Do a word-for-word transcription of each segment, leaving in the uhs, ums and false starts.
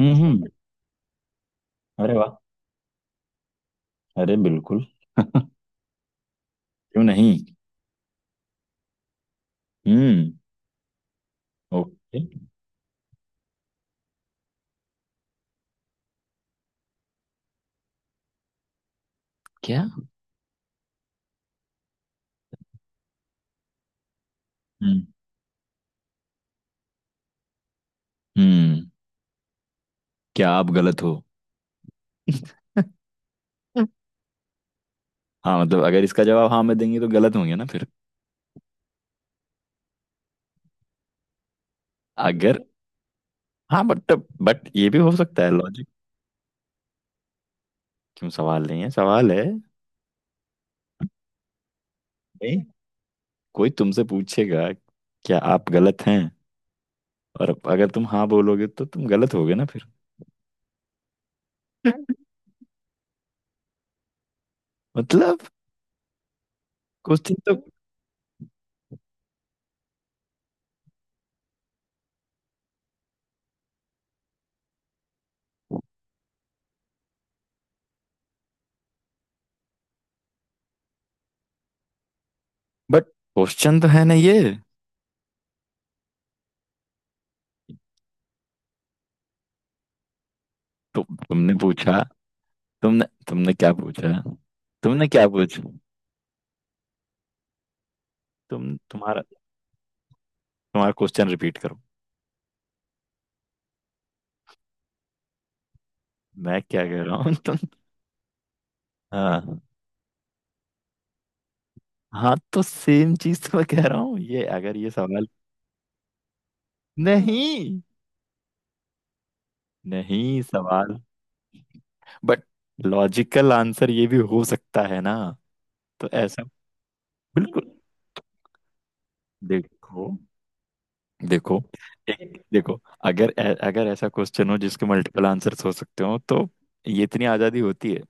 हम्म हम्म। अरे वाह! अरे बिल्कुल! क्यों नहीं! हम्म। ओके। क्या? हम्म हम्म। क्या आप गलत हो? हाँ, मतलब अगर इसका जवाब हाँ में देंगे तो गलत होंगे ना फिर। अगर हाँ, बट बट ये भी हो सकता है लॉजिक। क्यों सवाल नहीं है? सवाल है। नहीं, कोई तुमसे पूछेगा, क्या आप गलत हैं? और अगर तुम हाँ बोलोगे तो तुम गलत होगे ना फिर। मतलब क्वेश्चन तो... बट क्वेश्चन तो है ना ये। तो तुमने पूछा, तुमने तुमने क्या पूछा? तुमने क्या पूछा? तुम तुम्हारा, तुम्हारा क्वेश्चन रिपीट करो। मैं क्या कह रहा हूँ तुम? हाँ। हाँ, तो सेम चीज तो मैं कह रहा हूँ, ये अगर ये सवाल... नहीं। नहीं सवाल। बट लॉजिकल आंसर ये भी हो सकता है ना। तो ऐसा... बिल्कुल। देखो, देखो, एक देखो, अगर ऐ- अगर ऐसा क्वेश्चन हो जिसके मल्टीपल आंसर्स हो सकते हो, तो ये इतनी आजादी होती है।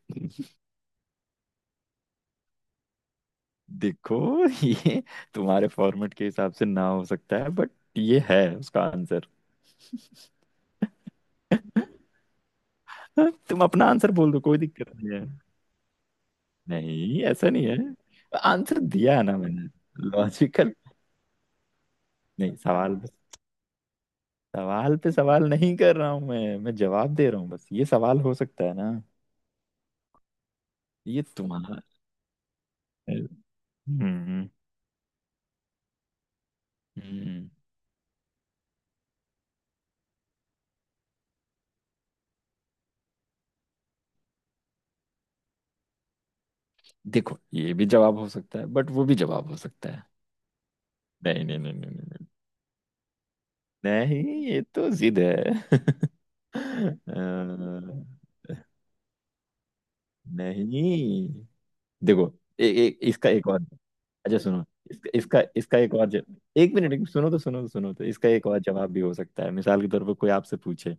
देखो ये तुम्हारे फॉर्मेट के हिसाब से ना हो सकता है, बट ये है उसका आंसर। हाँ, तुम अपना आंसर बोल दो, कोई दिक्कत नहीं है। नहीं, ऐसा नहीं है। आंसर दिया है ना मैंने। लॉजिकल। नहीं, सवाल पे... सवाल पे सवाल नहीं कर रहा हूँ मैं मैं जवाब दे रहा हूँ बस, ये सवाल हो सकता है ना। ये तुम्हारा... हम्म हम्म। देखो, ये भी जवाब हो सकता है, बट वो भी जवाब हो सकता है। नहीं नहीं नहीं नहीं नहीं! नहीं नहीं, ये तो जिद है। अ, नहीं, देखो। ए, ए, इसका एक और... अच्छा सुनो, इसका इसका इसका एक और ज... एक मिनट। एक- सुनो तो सुनो तो सुनो तो, इसका एक और जवाब भी हो सकता है। मिसाल के तौर पर कोई आपसे पूछे,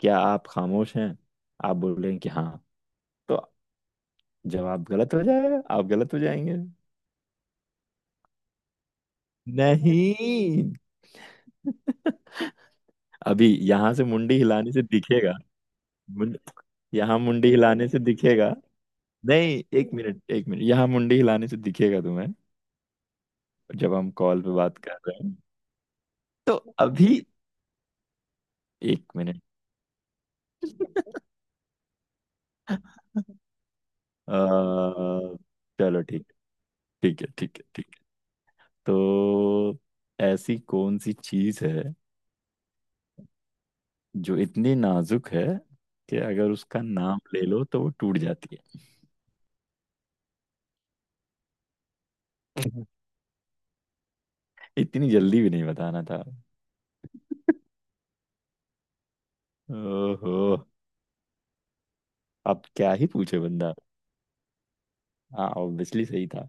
क्या आप खामोश हैं? आप बोलेंगे कि हाँ, तो जवाब गलत हो जाएगा, आप गलत हो जाएंगे। नहीं, अभी यहाँ से मुंडी हिलाने से दिखेगा। मुंड, यहाँ मुंडी हिलाने से दिखेगा। नहीं, एक मिनट एक मिनट, यहाँ मुंडी हिलाने से दिखेगा तुम्हें, जब हम कॉल पे बात कर रहे हैं। तो अभी... एक मिनट। अ, चलो ठीक। ठीक है, ठीक है, ठीक है। तो ऐसी कौन सी चीज है जो इतनी नाजुक है कि अगर उसका नाम ले लो तो वो टूट जाती है? इतनी जल्दी भी नहीं बताना था। ओहो, अब क्या ही पूछे बंदा। हाँ, ऑब्वियसली सही था।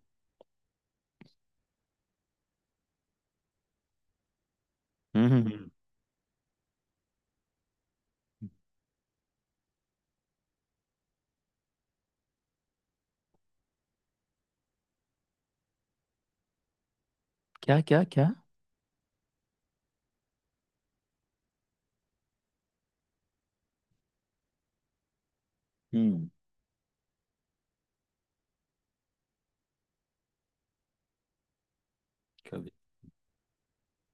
हम्म हम्म, हम्म। क्या क्या क्या? हम्म। कभी,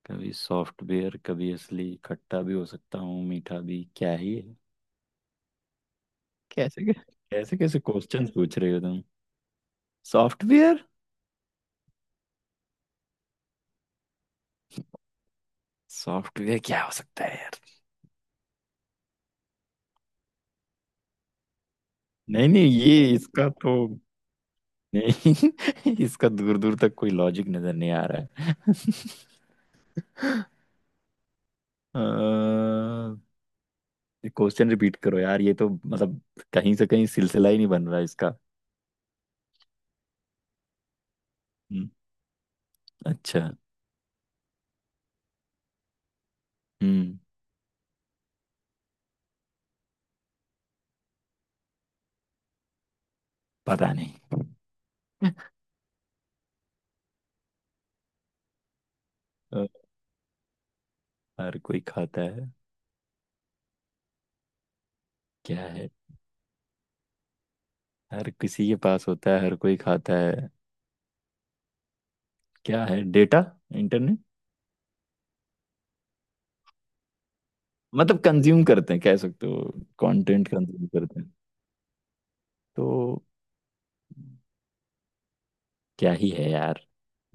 कभी सॉफ्टवेयर कभी असली, खट्टा भी हो सकता हूँ मीठा भी, क्या ही है? कैसे कैसे कैसे क्वेश्चन पूछ रहे हो तुम? सॉफ्टवेयर। सॉफ्टवेयर क्या हो सकता है यार? नहीं नहीं, ये इसका तो... नहीं इसका दूर दूर तक कोई लॉजिक नजर नहीं आ रहा है। क्वेश्चन रिपीट करो यार, ये तो मतलब कहीं से कहीं सिलसिला ही नहीं बन रहा इसका। हम्म, अच्छा। हम्म। पता नहीं। अ, हर कोई खाता है? क्या है? हर किसी के पास होता है, हर कोई खाता है, क्या है? डेटा? इंटरनेट? मतलब कंज्यूम करते हैं, कह सकते हो। कंटेंट कंज्यूम करते हैं। तो क्या ही है यार,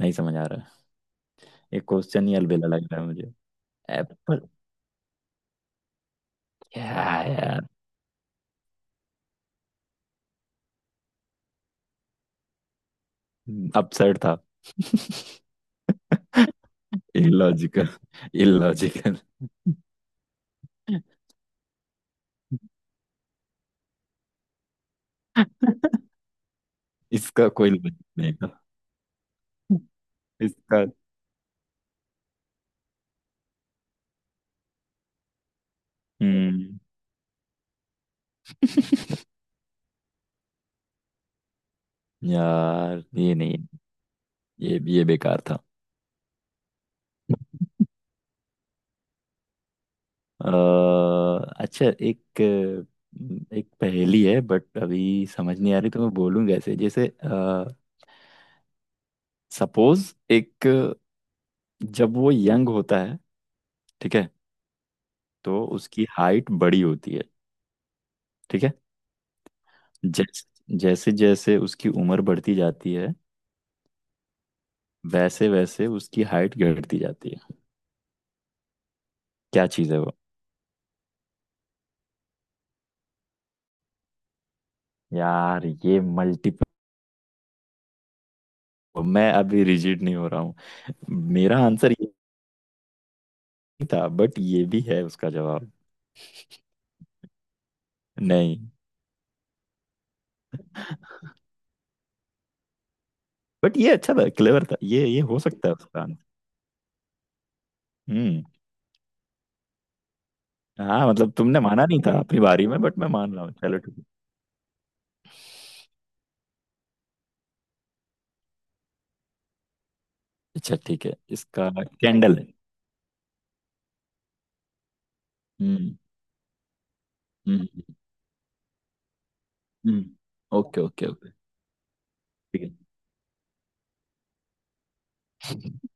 नहीं समझ आ रहा। ये क्वेश्चन ही अलबेला लग रहा है मुझे। एप्पल? क्या है यार? अपसेट था। Illogical, illogical. इसका कोई लॉजिक नहीं था इसका। हम्म। यार, ये नहीं, ये ये बेकार था। अ, अच्छा, एक, एक पहेली है बट अभी समझ नहीं आ रही तो मैं बोलूँ कैसे, जैसे सपोज एक, जब वो यंग होता है, ठीक है, तो उसकी हाइट बड़ी होती है, ठीक है, जैसे जैसे जैसे उसकी उम्र बढ़ती जाती है, वैसे वैसे उसकी हाइट घटती जाती है, क्या चीज़ है वो? यार, ये मल्टीपल... मैं अभी रिजिड नहीं हो रहा हूँ। मेरा आंसर ये नहीं था बट ये भी है उसका जवाब। नहीं, बट ये अच्छा था, क्लेवर था, ये ये हो सकता है उसका आंसर। हम्म। हाँ, मतलब तुमने माना नहीं था अपनी बारी में बट मैं मान रहा हूँ, चलो ठीक है। अच्छा ठीक है, इसका... कैंडल है? हम्म हम्म हम्म हम्म। Okay okay okay. ठीक है।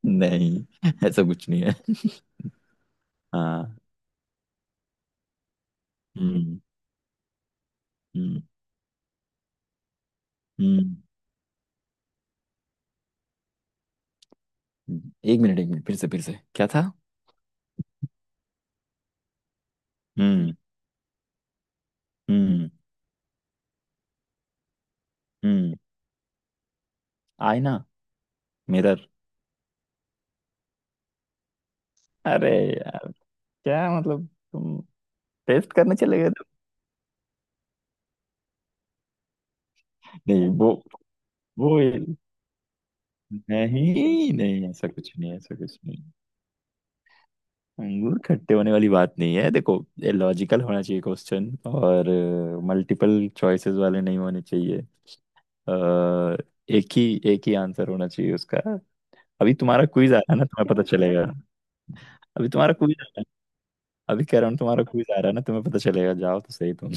नहीं ऐसा कुछ नहीं है। हाँ। हम्म हम्म हम्म हम्म। एक मिनट एक मिनट, फिर से फिर से क्या था? हम्म हम्म हम्म। आईना। मिरर। अरे यार, क्या मतलब, तुम टेस्ट करने चले गए थे? नहीं, वो... वो, नहीं नहीं, ऐसा कुछ नहीं, ऐसा कुछ नहीं। अंगूर खट्टे होने वाली बात नहीं है, देखो ये लॉजिकल होना चाहिए क्वेश्चन, और मल्टीपल चॉइसेस वाले नहीं होने चाहिए। अ, एक ही एक ही आंसर होना चाहिए उसका। अभी तुम्हारा क्विज आ रहा है ना, तुम्हें पता चलेगा। अभी तुम्हारा क्विज आ रहा है। अभी कह रहा हूँ, तुम्हारा क्विज आ रहा है ना, तुम्हें पता चलेगा, जाओ तो सही तुम।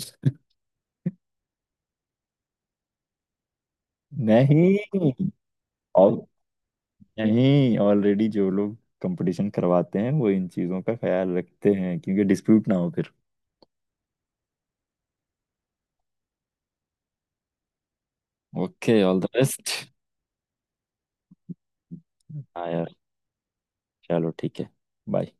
नहीं। और नहीं, ऑलरेडी जो लोग कंपटीशन करवाते हैं वो इन चीजों का ख्याल रखते हैं, क्योंकि डिस्प्यूट ना हो फिर। Okay, all the best. हाँ यार, चलो ठीक है, बाय।